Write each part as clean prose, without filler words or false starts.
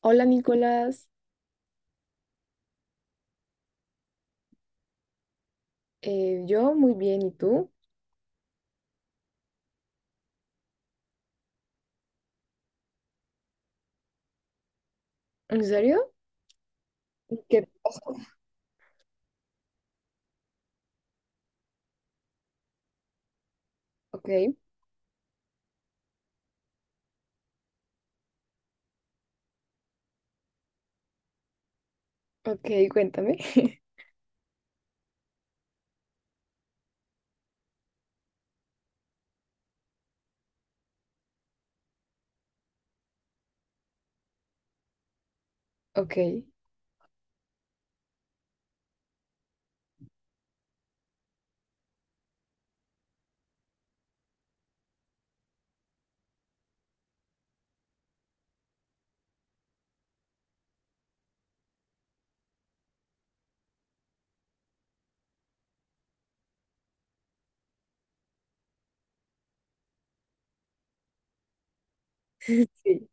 Hola Nicolás. Yo muy bien, ¿y tú? ¿En serio? ¿Qué? Ok. Ok, cuéntame. Ok. Sí.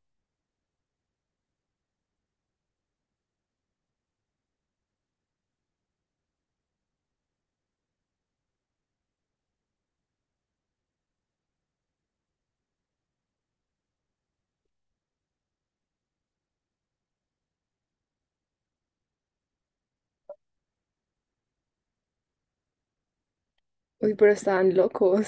Uy, pero estaban locos.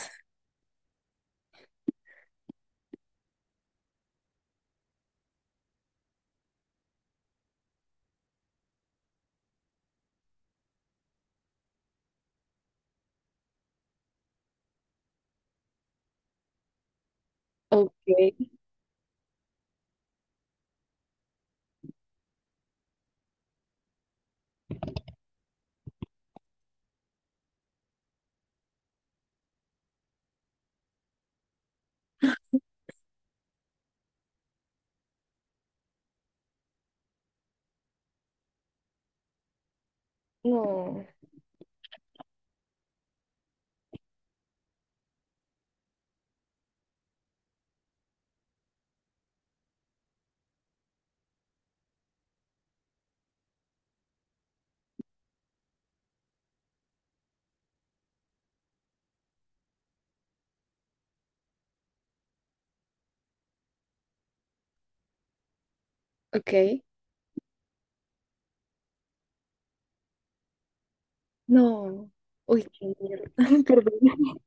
Ok, no. Ok, no. Uy, qué mierda. Perdón.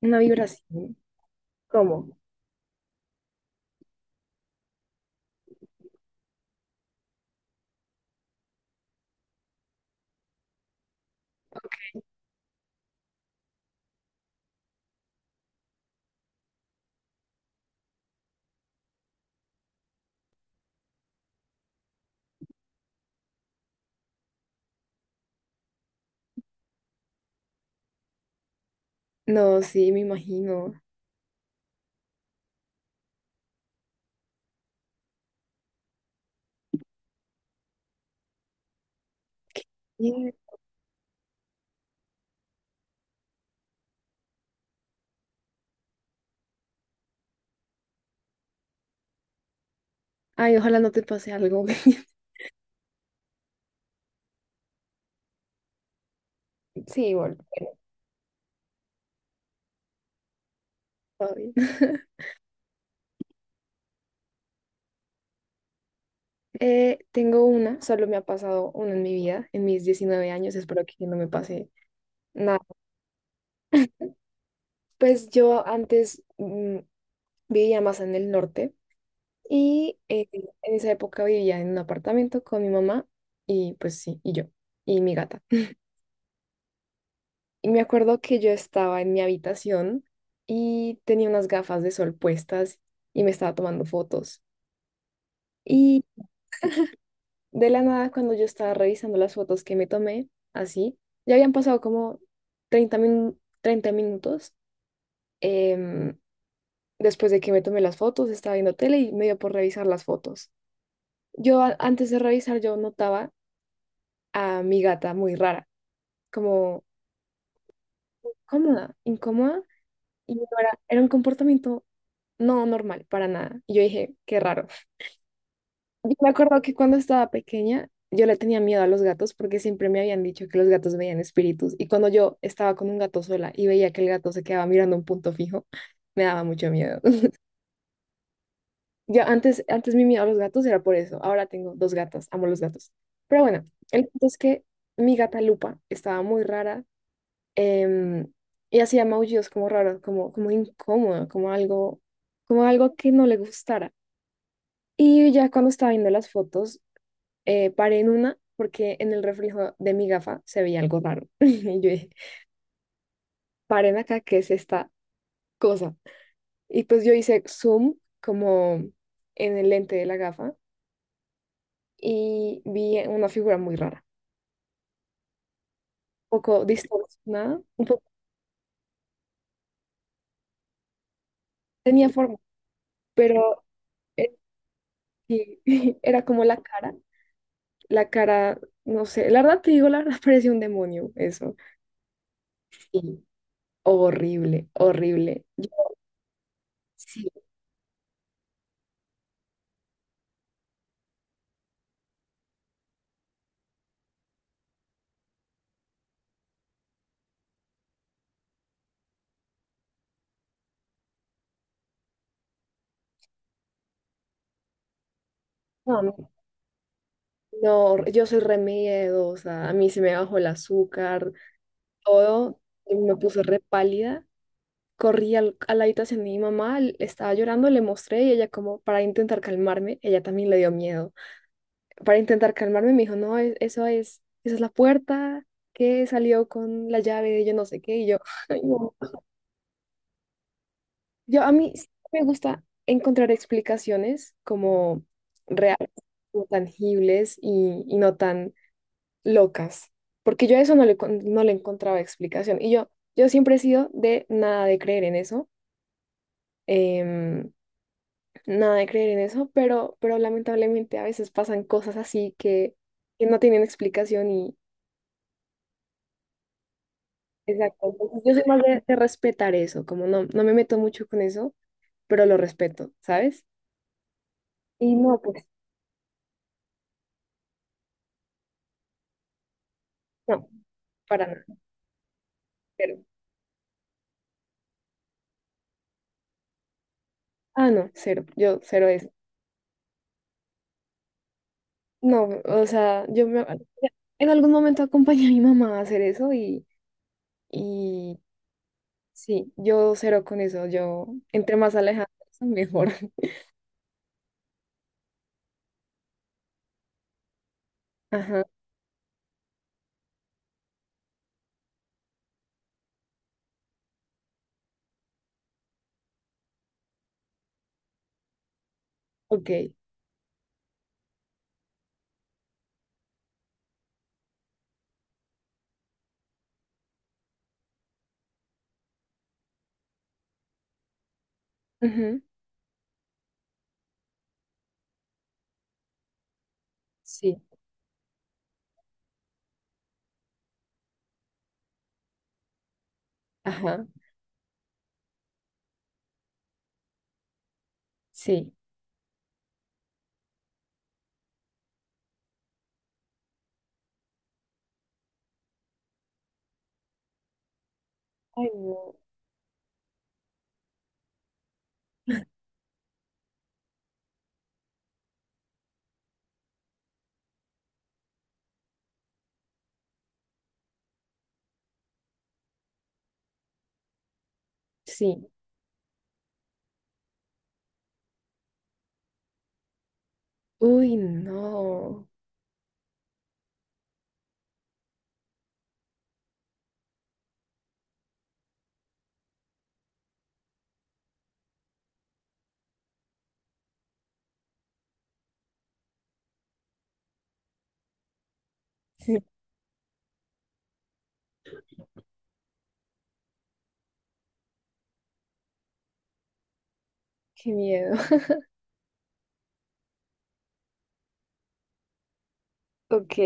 Una vibración. ¿Cómo? No, sí, me imagino. Sí. Ay, ojalá no te pase algo. Sí, bueno, todo bien. Tengo una, solo me ha pasado una en mi vida, en mis 19 años, espero que no me pase nada. Pues yo antes vivía más en el norte y en esa época vivía en un apartamento con mi mamá, y pues sí, y yo y mi gata. Y me acuerdo que yo estaba en mi habitación y tenía unas gafas de sol puestas y me estaba tomando fotos. Y de la nada, cuando yo estaba revisando las fotos que me tomé, así, ya habían pasado como 30 minutos. em, Después de que me tomé las fotos, estaba viendo tele y me dio por revisar las fotos. Antes de revisar, yo notaba a mi gata muy rara, como cómoda, incómoda, y no era, era un comportamiento no normal para nada. Y yo dije, qué raro. Yo me acuerdo que cuando estaba pequeña, yo le tenía miedo a los gatos porque siempre me habían dicho que los gatos veían espíritus. Y cuando yo estaba con un gato sola y veía que el gato se quedaba mirando un punto fijo, me daba mucho miedo. Yo antes, antes mi miedo a los gatos era por eso. Ahora tengo dos gatas, amo los gatos. Pero bueno, el punto es que mi gata Lupa estaba muy rara, em, y hacía maullidos como raros, como, como incómodo, como algo que no le gustara. Y ya cuando estaba viendo las fotos, paré en una porque en el reflejo de mi gafa se veía algo raro. Y yo dije, paren acá, ¿qué es esta cosa? Y pues yo hice zoom como en el lente de la gafa y vi una figura muy rara, un poco distorsionada, un poco tenía forma, pero eh, sí, era como la cara. La cara, no sé, la verdad te digo, la verdad parecía un demonio eso. Sí. Horrible, horrible. Yo, sí. No, no, no, yo soy re miedosa, a mí se me bajó el azúcar, todo, y me puse re pálida. Corrí al- a la habitación de mi mamá, estaba llorando, le mostré y ella como para intentar calmarme, ella también le dio miedo. Para intentar calmarme me dijo, no, esa es la puerta que salió con la llave de yo no sé qué, y yo, ay, no. Yo a mí sí me gusta encontrar explicaciones como reales, como tangibles y no tan locas, porque yo a eso no le, no le encontraba explicación. Y yo siempre he sido de nada de creer en eso, em, nada de creer en eso, pero lamentablemente a veces pasan cosas así que no tienen explicación y exacto. Entonces, yo soy más de respetar eso, como no, no me meto mucho con eso, pero lo respeto, ¿sabes? Y no, pues no, para nada. Cero. Ah, no, cero. Yo cero eso. No, o sea, yo me... en algún momento acompañé a mi mamá a hacer eso y sí, yo cero con eso. Yo, entre más alejado, mejor. Ajá, ok. Ujú. Sí, ajá, sí. Ay, no. Sí. Uy, no. Sí, qué miedo. Ok.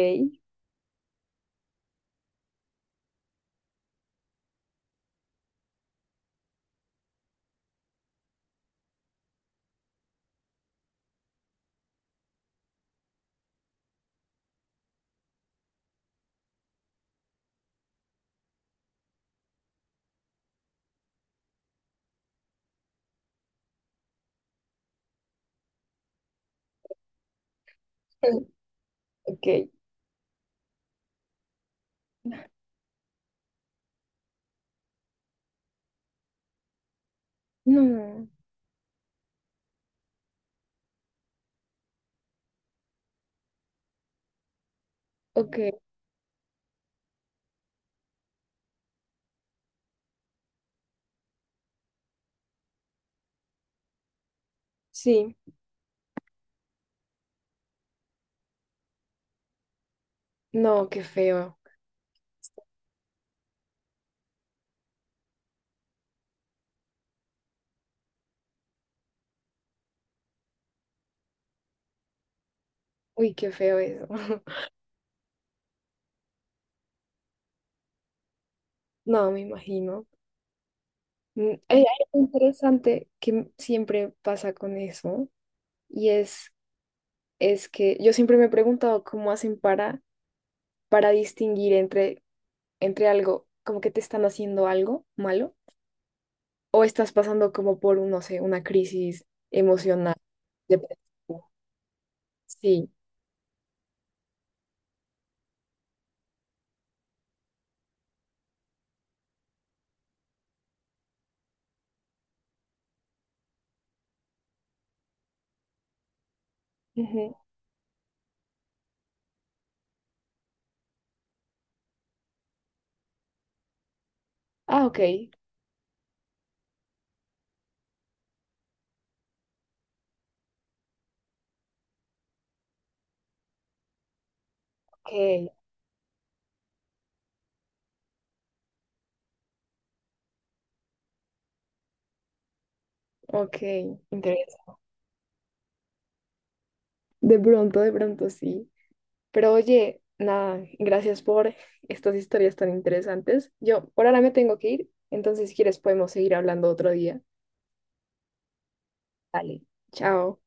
Ok. No. Ok. Sí. No, qué feo. Uy, qué feo eso. No, me imagino. Mm. Hay algo interesante que siempre pasa con eso y es que yo siempre me he preguntado cómo hacen para distinguir entre, entre algo, como que te están haciendo algo malo o estás pasando como por, no sé, una crisis emocional. Depresiva. Sí. Ujú. Ah, ok. Ok, ok, interesante. De pronto sí. Pero oye, nada, gracias por estas historias tan interesantes. Yo por ahora me tengo que ir, entonces si quieres podemos seguir hablando otro día. Dale. Chao.